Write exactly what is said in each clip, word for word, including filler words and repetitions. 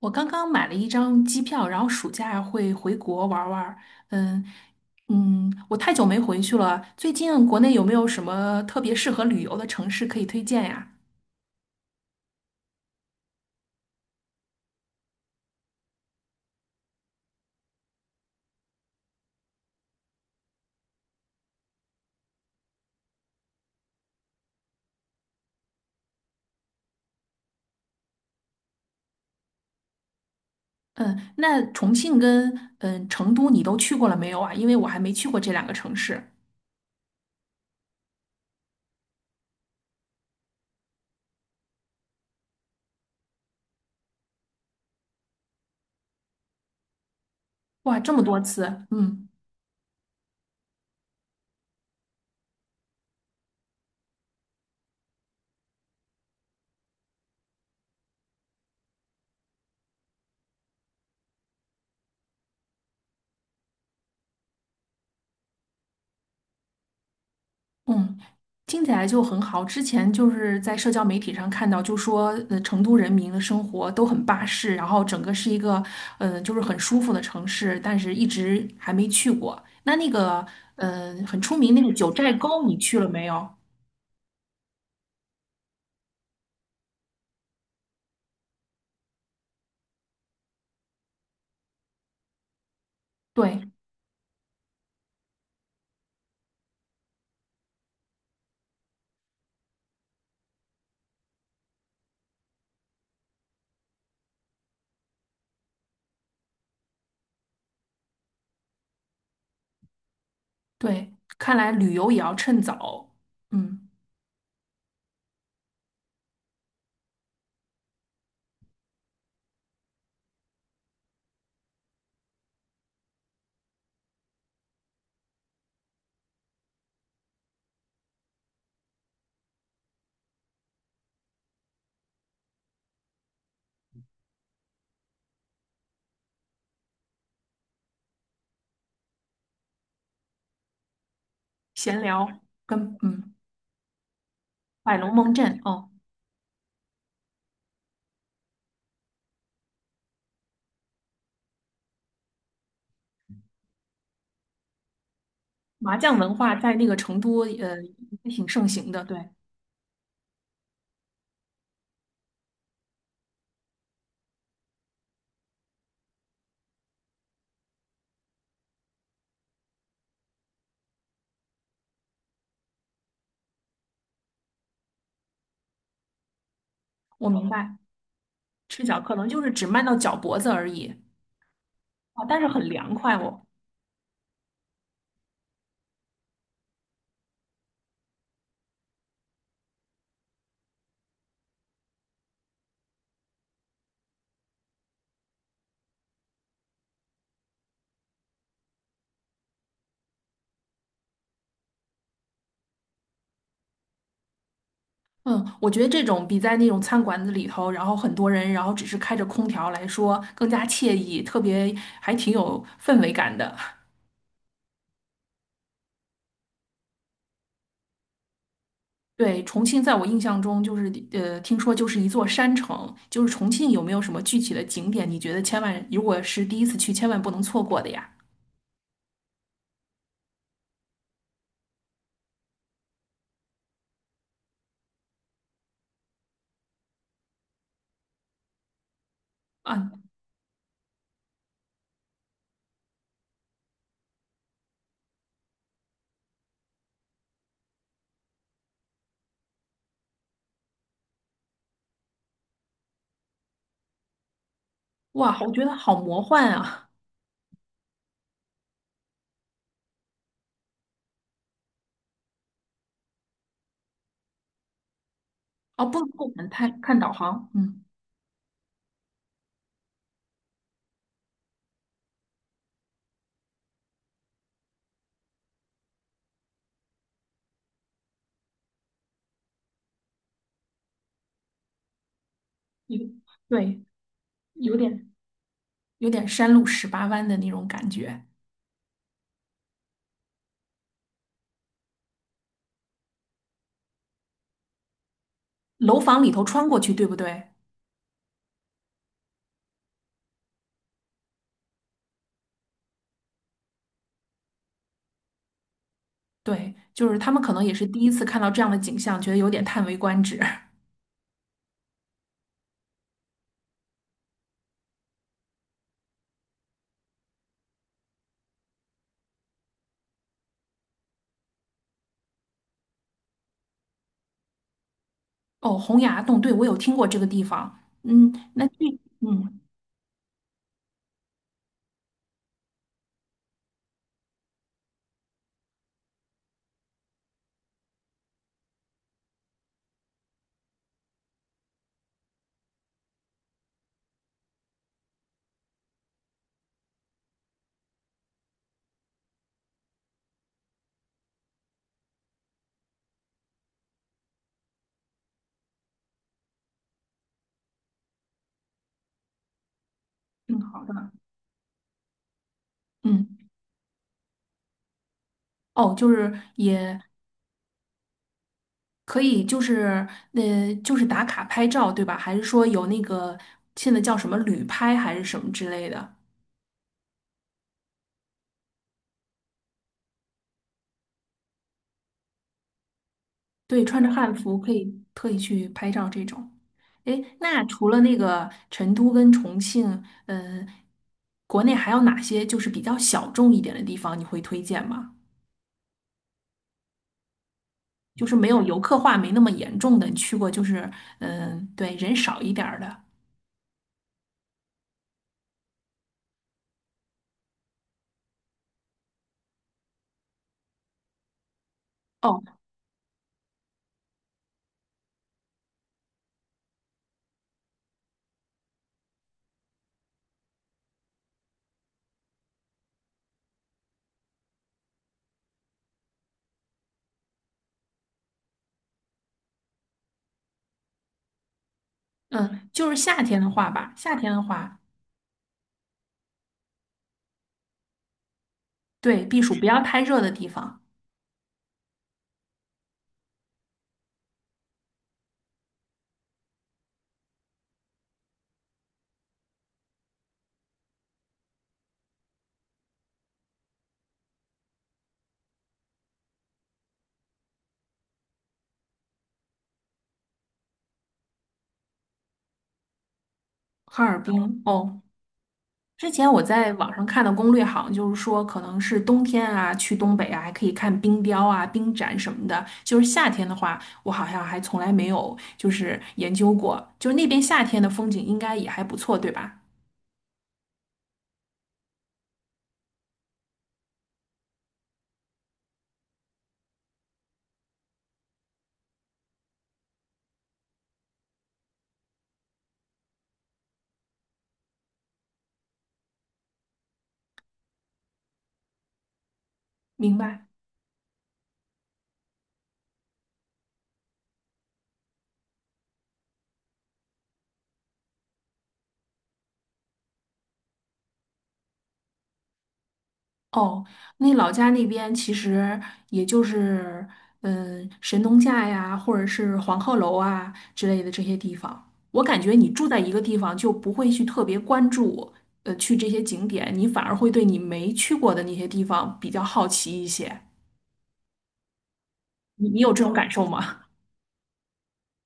我刚刚买了一张机票，然后暑假会回国玩儿玩儿。嗯。嗯，我太久没回去了。最近国内有没有什么特别适合旅游的城市可以推荐呀？嗯，那重庆跟嗯成都你都去过了没有啊？因为我还没去过这两个城市。哇，这么多次，嗯。嗯，听起来就很好。之前就是在社交媒体上看到，就说呃，成都人民的生活都很巴适，然后整个是一个嗯、呃就是很舒服的城市，但是一直还没去过。那那个嗯、呃很出名那个九寨沟，你去了没有？对对，看来旅游也要趁早。嗯，闲聊跟嗯，摆龙门阵哦，麻将文化在那个成都呃挺盛行的。对，我明白，赤脚可能就是只迈到脚脖子而已。啊，但是很凉快哦。嗯，我觉得这种比在那种餐馆子里头，然后很多人，然后只是开着空调来说更加惬意，特别还挺有氛围感的。对，重庆在我印象中就是呃，听说就是一座山城，就是重庆有没有什么具体的景点，你觉得千万如果是第一次去，千万不能错过的呀？啊，哇，我觉得好魔幻啊！哦，不不敢看看导航，嗯，有对，有点有点山路十八弯的那种感觉。楼房里头穿过去，对不对？对，就是他们可能也是第一次看到这样的景象，觉得有点叹为观止。哦，洪崖洞，对，我有听过这个地方。嗯，那这，嗯，挺好的。嗯，哦，就是也可以，就是呃，就是打卡拍照，对吧？还是说有那个现在叫什么旅拍还是什么之类的？对，穿着汉服可以特意去拍照这种。诶，那除了那个成都跟重庆，嗯、国内还有哪些就是比较小众一点的地方你会推荐吗？就是没有游客化没那么严重的，你去过就是嗯、对，人少一点儿的。哦，嗯，就是夏天的话吧，夏天的话，对，避暑不要太热的地方，哈尔滨。哦。之前我在网上看的攻略，好像就是说，可能是冬天啊，去东北啊，还可以看冰雕啊、冰展什么的。就是夏天的话，我好像还从来没有就是研究过，就是那边夏天的风景应该也还不错，对吧？明白。哦，那老家那边其实也就是，嗯，神农架呀，或者是黄鹤楼啊之类的这些地方。我感觉你住在一个地方，就不会去特别关注，呃，去这些景点，你反而会对你没去过的那些地方比较好奇一些。你你有这种感受吗？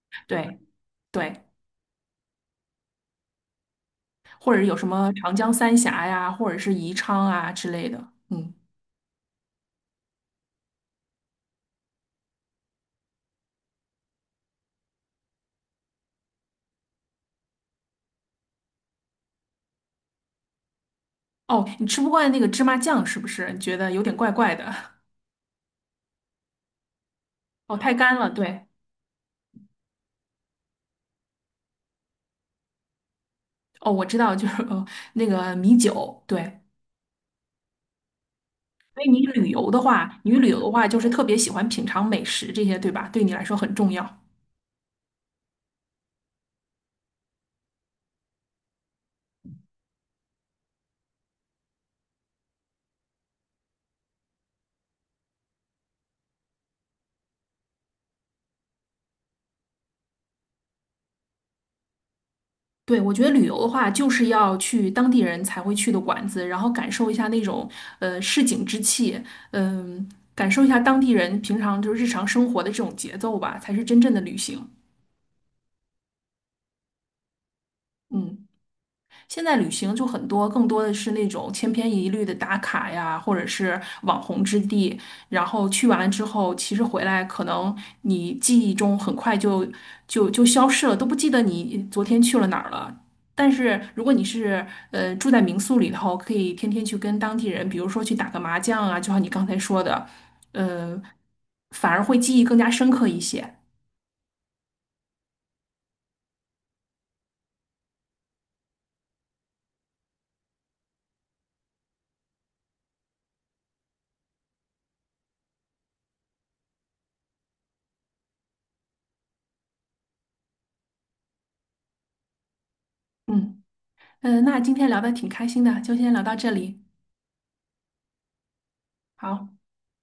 对对，或者有什么长江三峡呀，或者是宜昌啊之类的。嗯，哦，你吃不惯那个芝麻酱是不是？你觉得有点怪怪的？哦，太干了，对。哦，我知道，就是呃那个米酒，对。所以你旅游的话，你旅游的话就是特别喜欢品尝美食这些，对吧？对你来说很重要。对，我觉得旅游的话，就是要去当地人才会去的馆子，然后感受一下那种呃市井之气，嗯、感受一下当地人平常就是日常生活的这种节奏吧，才是真正的旅行。嗯。现在旅行就很多，更多的是那种千篇一律的打卡呀，或者是网红之地。然后去完之后，其实回来可能你记忆中很快就就就消失了，都不记得你昨天去了哪儿了。但是如果你是呃住在民宿里头，可以天天去跟当地人，比如说去打个麻将啊，就像你刚才说的，呃，反而会记忆更加深刻一些。嗯嗯，呃那今天聊的挺开心的，就先聊到这里。好，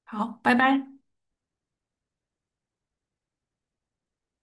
好，拜拜。